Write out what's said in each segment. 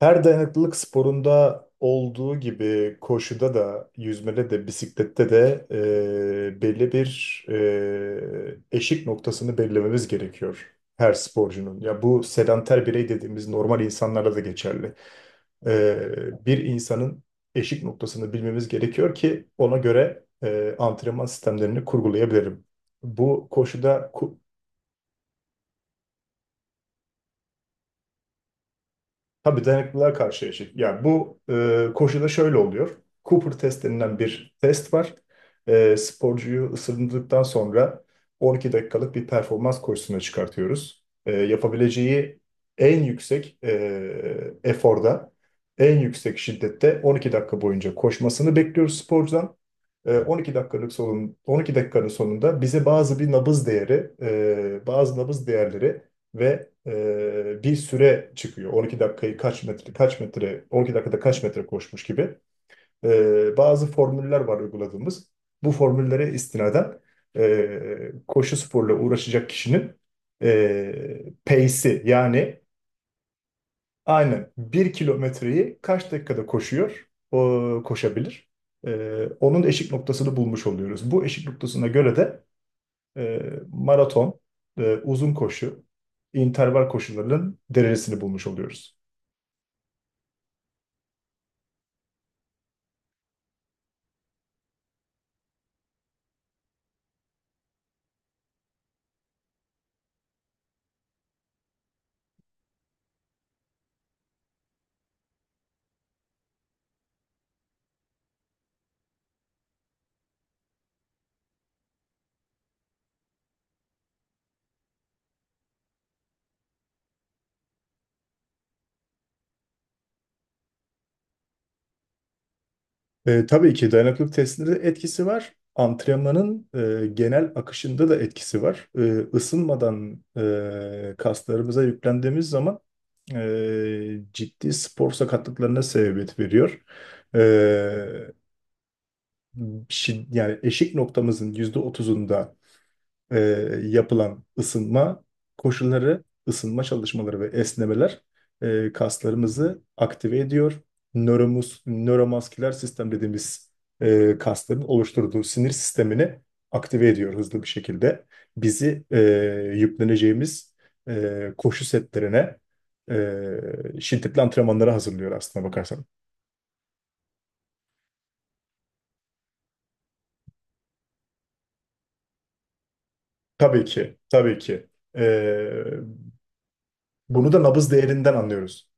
Her dayanıklılık sporunda olduğu gibi koşuda da, yüzmede de, bisiklette de belli bir eşik noktasını belirlememiz gerekiyor her sporcunun. Ya bu sedanter birey dediğimiz normal insanlara da geçerli. Bir insanın eşik noktasını bilmemiz gerekiyor ki ona göre antrenman sistemlerini kurgulayabilirim. Bu koşuda Tabii dayanıklılığa karşı yaşıyor. Yani bu koşuda şöyle oluyor. Cooper test denilen bir test var. Sporcuyu ısındırdıktan sonra 12 dakikalık bir performans koşusuna çıkartıyoruz. Yapabileceği en yüksek eforda, en yüksek şiddette 12 dakika boyunca koşmasını bekliyoruz sporcudan. 12 dakikanın sonunda bize bazı bir nabız değeri, e, bazı nabız değerleri ve bir süre çıkıyor. 12 dakikada kaç metre koşmuş gibi bazı formüller var uyguladığımız. Bu formüllere istinaden koşu sporla uğraşacak kişinin pace'i yani aynen bir kilometreyi kaç dakikada koşuyor o koşabilir. E, Onun eşik noktasını bulmuş oluyoruz. Bu eşik noktasına göre de e, maraton, uzun koşu, interval koşularının derecesini bulmuş oluyoruz. Tabii ki dayanıklılık testinde de etkisi var. Antrenmanın genel akışında da etkisi var. Isınmadan kaslarımıza yüklendiğimiz zaman ciddi spor sakatlıklarına sebebiyet veriyor. E, Yani eşik noktamızın %30'unda e, yapılan ısınma koşulları, ısınma çalışmaları ve esnemeler kaslarımızı aktive ediyor. Nöromasküler sistem dediğimiz kasların oluşturduğu sinir sistemini aktive ediyor hızlı bir şekilde. Bizi yükleneceğimiz koşu setlerine, şiddetli antrenmanlara hazırlıyor aslına bakarsan. Tabii ki, tabii ki. E, Bunu da nabız değerinden anlıyoruz.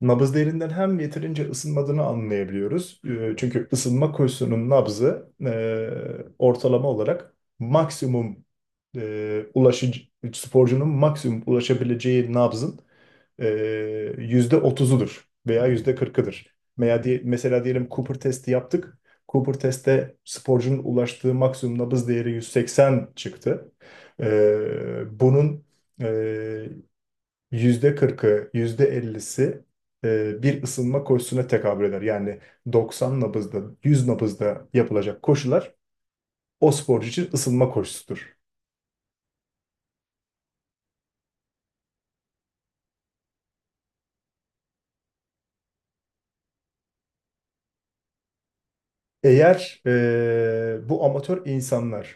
Nabız derinden hem yeterince ısınmadığını anlayabiliyoruz. Çünkü ısınma koşusunun nabzı ortalama olarak e, ulaşıcı, sporcunun maksimum ulaşabileceği nabzın e, %30'udur veya %40'ıdır. Veya mesela diyelim Cooper testi yaptık. Cooper testte sporcunun ulaştığı maksimum nabız değeri 180 çıktı. Bunun e, %40'ı, yüzde %50'si bir ısınma koşusuna tekabül eder. Yani 90 nabızda, 100 nabızda yapılacak koşular o sporcu için ısınma koşusudur. Eğer bu amatör insanlar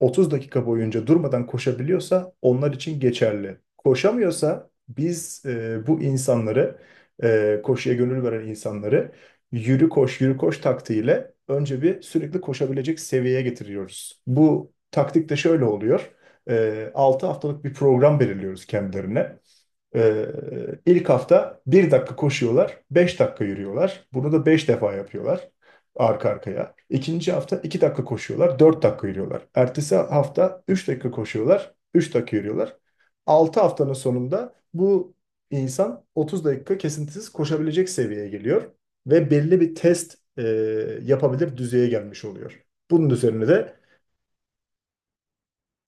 30 dakika boyunca durmadan koşabiliyorsa onlar için geçerli. Koşamıyorsa biz bu insanları, koşuya gönül veren insanları, yürü koş yürü koş taktiğiyle önce bir sürekli koşabilecek seviyeye getiriyoruz. Bu taktik de şöyle oluyor. 6 haftalık bir program belirliyoruz kendilerine. Ee, ilk hafta bir dakika koşuyorlar, 5 dakika yürüyorlar. Bunu da 5 defa yapıyorlar arka arkaya. İkinci hafta 2 dakika koşuyorlar, 4 dakika yürüyorlar. Ertesi hafta 3 dakika koşuyorlar, 3 dakika yürüyorlar. 6 haftanın sonunda bu insan 30 dakika kesintisiz koşabilecek seviyeye geliyor ve belli bir test yapabilir düzeye gelmiş oluyor. Bunun üzerine de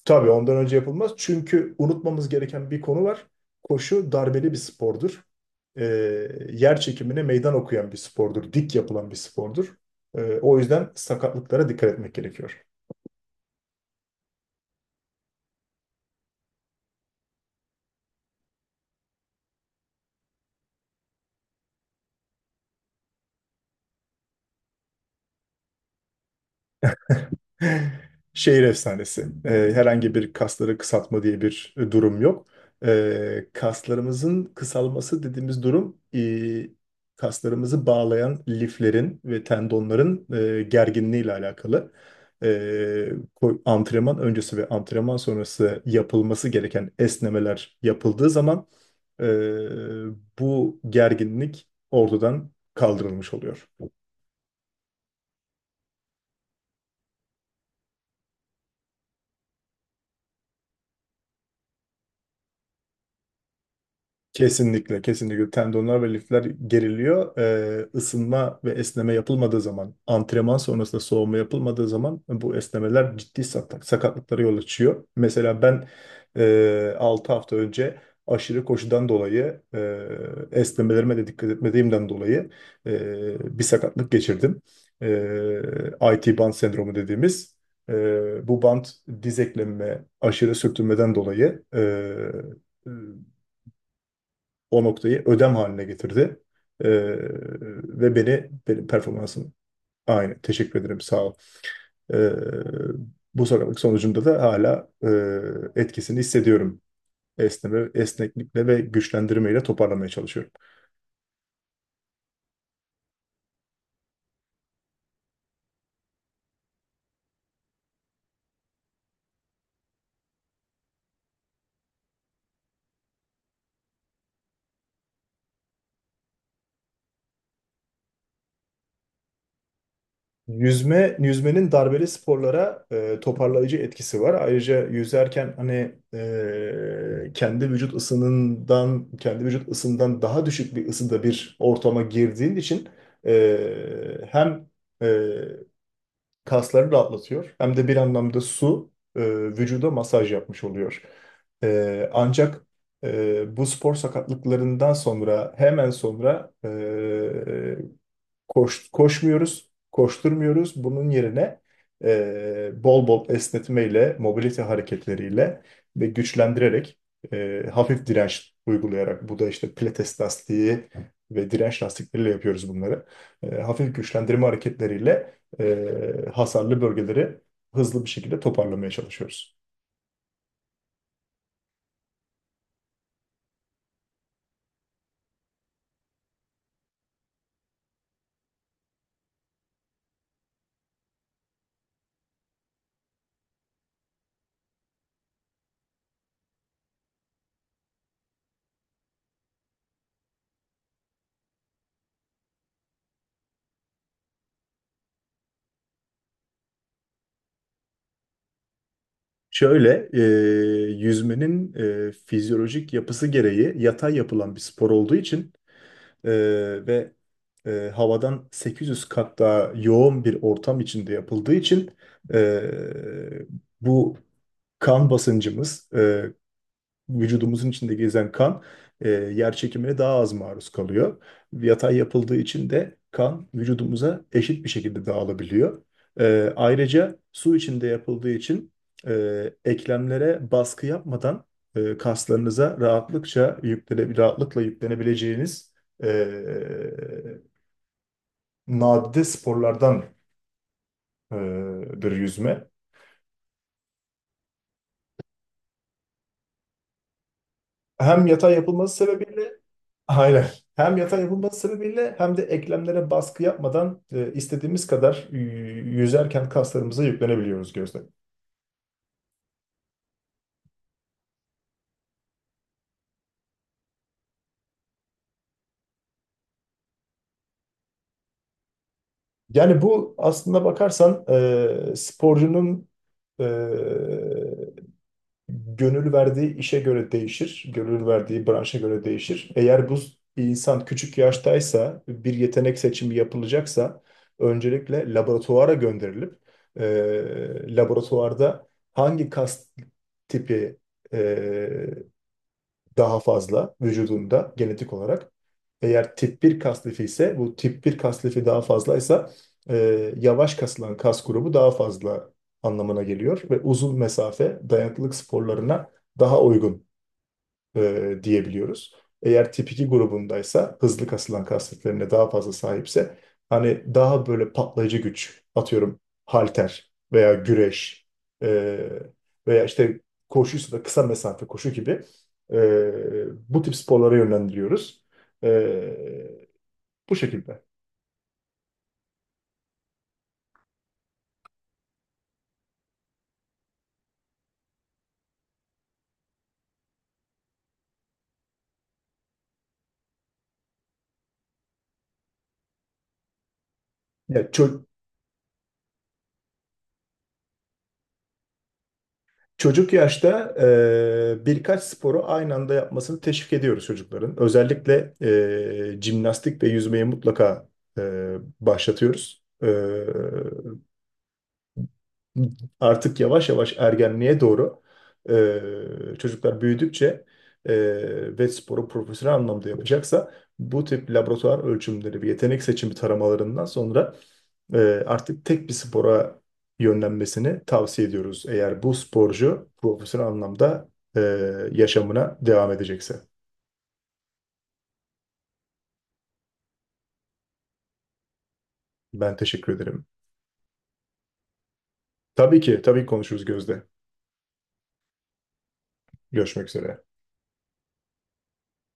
Tabii ondan önce yapılmaz. Çünkü unutmamız gereken bir konu var. Koşu darbeli bir spordur. Ee, Yer çekimine meydan okuyan bir spordur. Dik yapılan bir spordur. O yüzden sakatlıklara dikkat etmek gerekiyor. Şehir efsanesi. Herhangi bir kasları kısaltma diye bir durum yok. Kaslarımızın kısalması dediğimiz durum kaslarımızı bağlayan liflerin ve tendonların gerginliği ile alakalı. Ee, Antrenman öncesi ve antrenman sonrası yapılması gereken esnemeler yapıldığı zaman e, bu gerginlik ortadan kaldırılmış oluyor. Kesinlikle, kesinlikle tendonlar ve lifler geriliyor. Isınma ve esneme yapılmadığı zaman, antrenman sonrasında soğuma yapılmadığı zaman bu esnemeler ciddi sakatlıklara yol açıyor. Mesela ben 6 hafta önce aşırı koşudan dolayı, esnemelerime de dikkat etmediğimden dolayı bir sakatlık geçirdim. IT band sendromu dediğimiz. Bu band diz eklemime aşırı sürtünmeden dolayı o noktayı ödem haline getirdi. Ee, Ve beni, benim performansım aynı. Teşekkür ederim, sağ ol. Ee, Bu sakatlık sonucunda da hala etkisini hissediyorum. Esneklikle ve güçlendirmeyle toparlamaya çalışıyorum. Yüzmenin darbeli sporlara toparlayıcı etkisi var. Ayrıca yüzerken hani kendi vücut ısından daha düşük bir ısıda bir ortama girdiğin için hem e, kasları rahatlatıyor hem de bir anlamda su vücuda masaj yapmış oluyor. Ancak bu spor sakatlıklarından sonra hemen sonra koşmuyoruz, koşturmuyoruz. Bunun yerine bol bol esnetmeyle, mobilite hareketleriyle ve güçlendirerek, hafif direnç uygulayarak, bu da işte pilates lastiği ve direnç lastikleriyle yapıyoruz bunları. Hafif güçlendirme hareketleriyle e, hasarlı bölgeleri hızlı bir şekilde toparlamaya çalışıyoruz. Şöyle, yüzmenin fizyolojik yapısı gereği yatay yapılan bir spor olduğu için e, ve havadan 800 kat daha yoğun bir ortam içinde yapıldığı için e, bu kan basıncımız, e, vücudumuzun içinde gezen kan yer çekimine daha az maruz kalıyor. Yatay yapıldığı için de kan vücudumuza eşit bir şekilde dağılabiliyor. Ayrıca su içinde yapıldığı için eklemlere baskı yapmadan kaslarınıza rahatlıkla yüklenebileceğiniz e, nadide sporlardandır yüzme. Hem yatay yapılması sebebiyle. Aynen. Hem yatay yapılması sebebiyle hem de eklemlere baskı yapmadan istediğimiz kadar yüzerken kaslarımıza yüklenebiliyoruz gözle. Yani bu aslında bakarsan sporcunun e, gönül verdiği işe göre değişir, gönül verdiği branşa göre değişir. Eğer bu insan küçük yaştaysa, bir yetenek seçimi yapılacaksa, öncelikle laboratuvara gönderilip, laboratuvarda hangi kas tipi e, daha fazla vücudunda genetik olarak. Eğer tip bir kas lifi ise bu tip bir kas lifi daha fazlaysa e, yavaş kasılan kas grubu daha fazla anlamına geliyor ve uzun mesafe dayanıklılık sporlarına daha uygun diyebiliyoruz. Eğer tip 2 grubundaysa hızlı kasılan kas setlerine daha fazla sahipse hani daha böyle patlayıcı güç atıyorum halter veya güreş, e, veya işte koşuysa da kısa mesafe koşu gibi bu tip sporlara yönlendiriyoruz. E, Bu şekilde. Yani çocuk yaşta birkaç sporu aynı anda yapmasını teşvik ediyoruz çocukların. Özellikle jimnastik ve yüzmeyi mutlaka e, başlatıyoruz. Artık yavaş yavaş ergenliğe doğru, çocuklar büyüdükçe ve sporu profesyonel anlamda yapacaksa bu tip laboratuvar ölçümleri ve yetenek seçimi taramalarından sonra e, artık tek bir spora yönlenmesini tavsiye ediyoruz. Eğer bu sporcu profesyonel anlamda e, yaşamına devam edecekse. Ben teşekkür ederim. Tabii ki, tabii ki konuşuruz Gözde. Görüşmek üzere.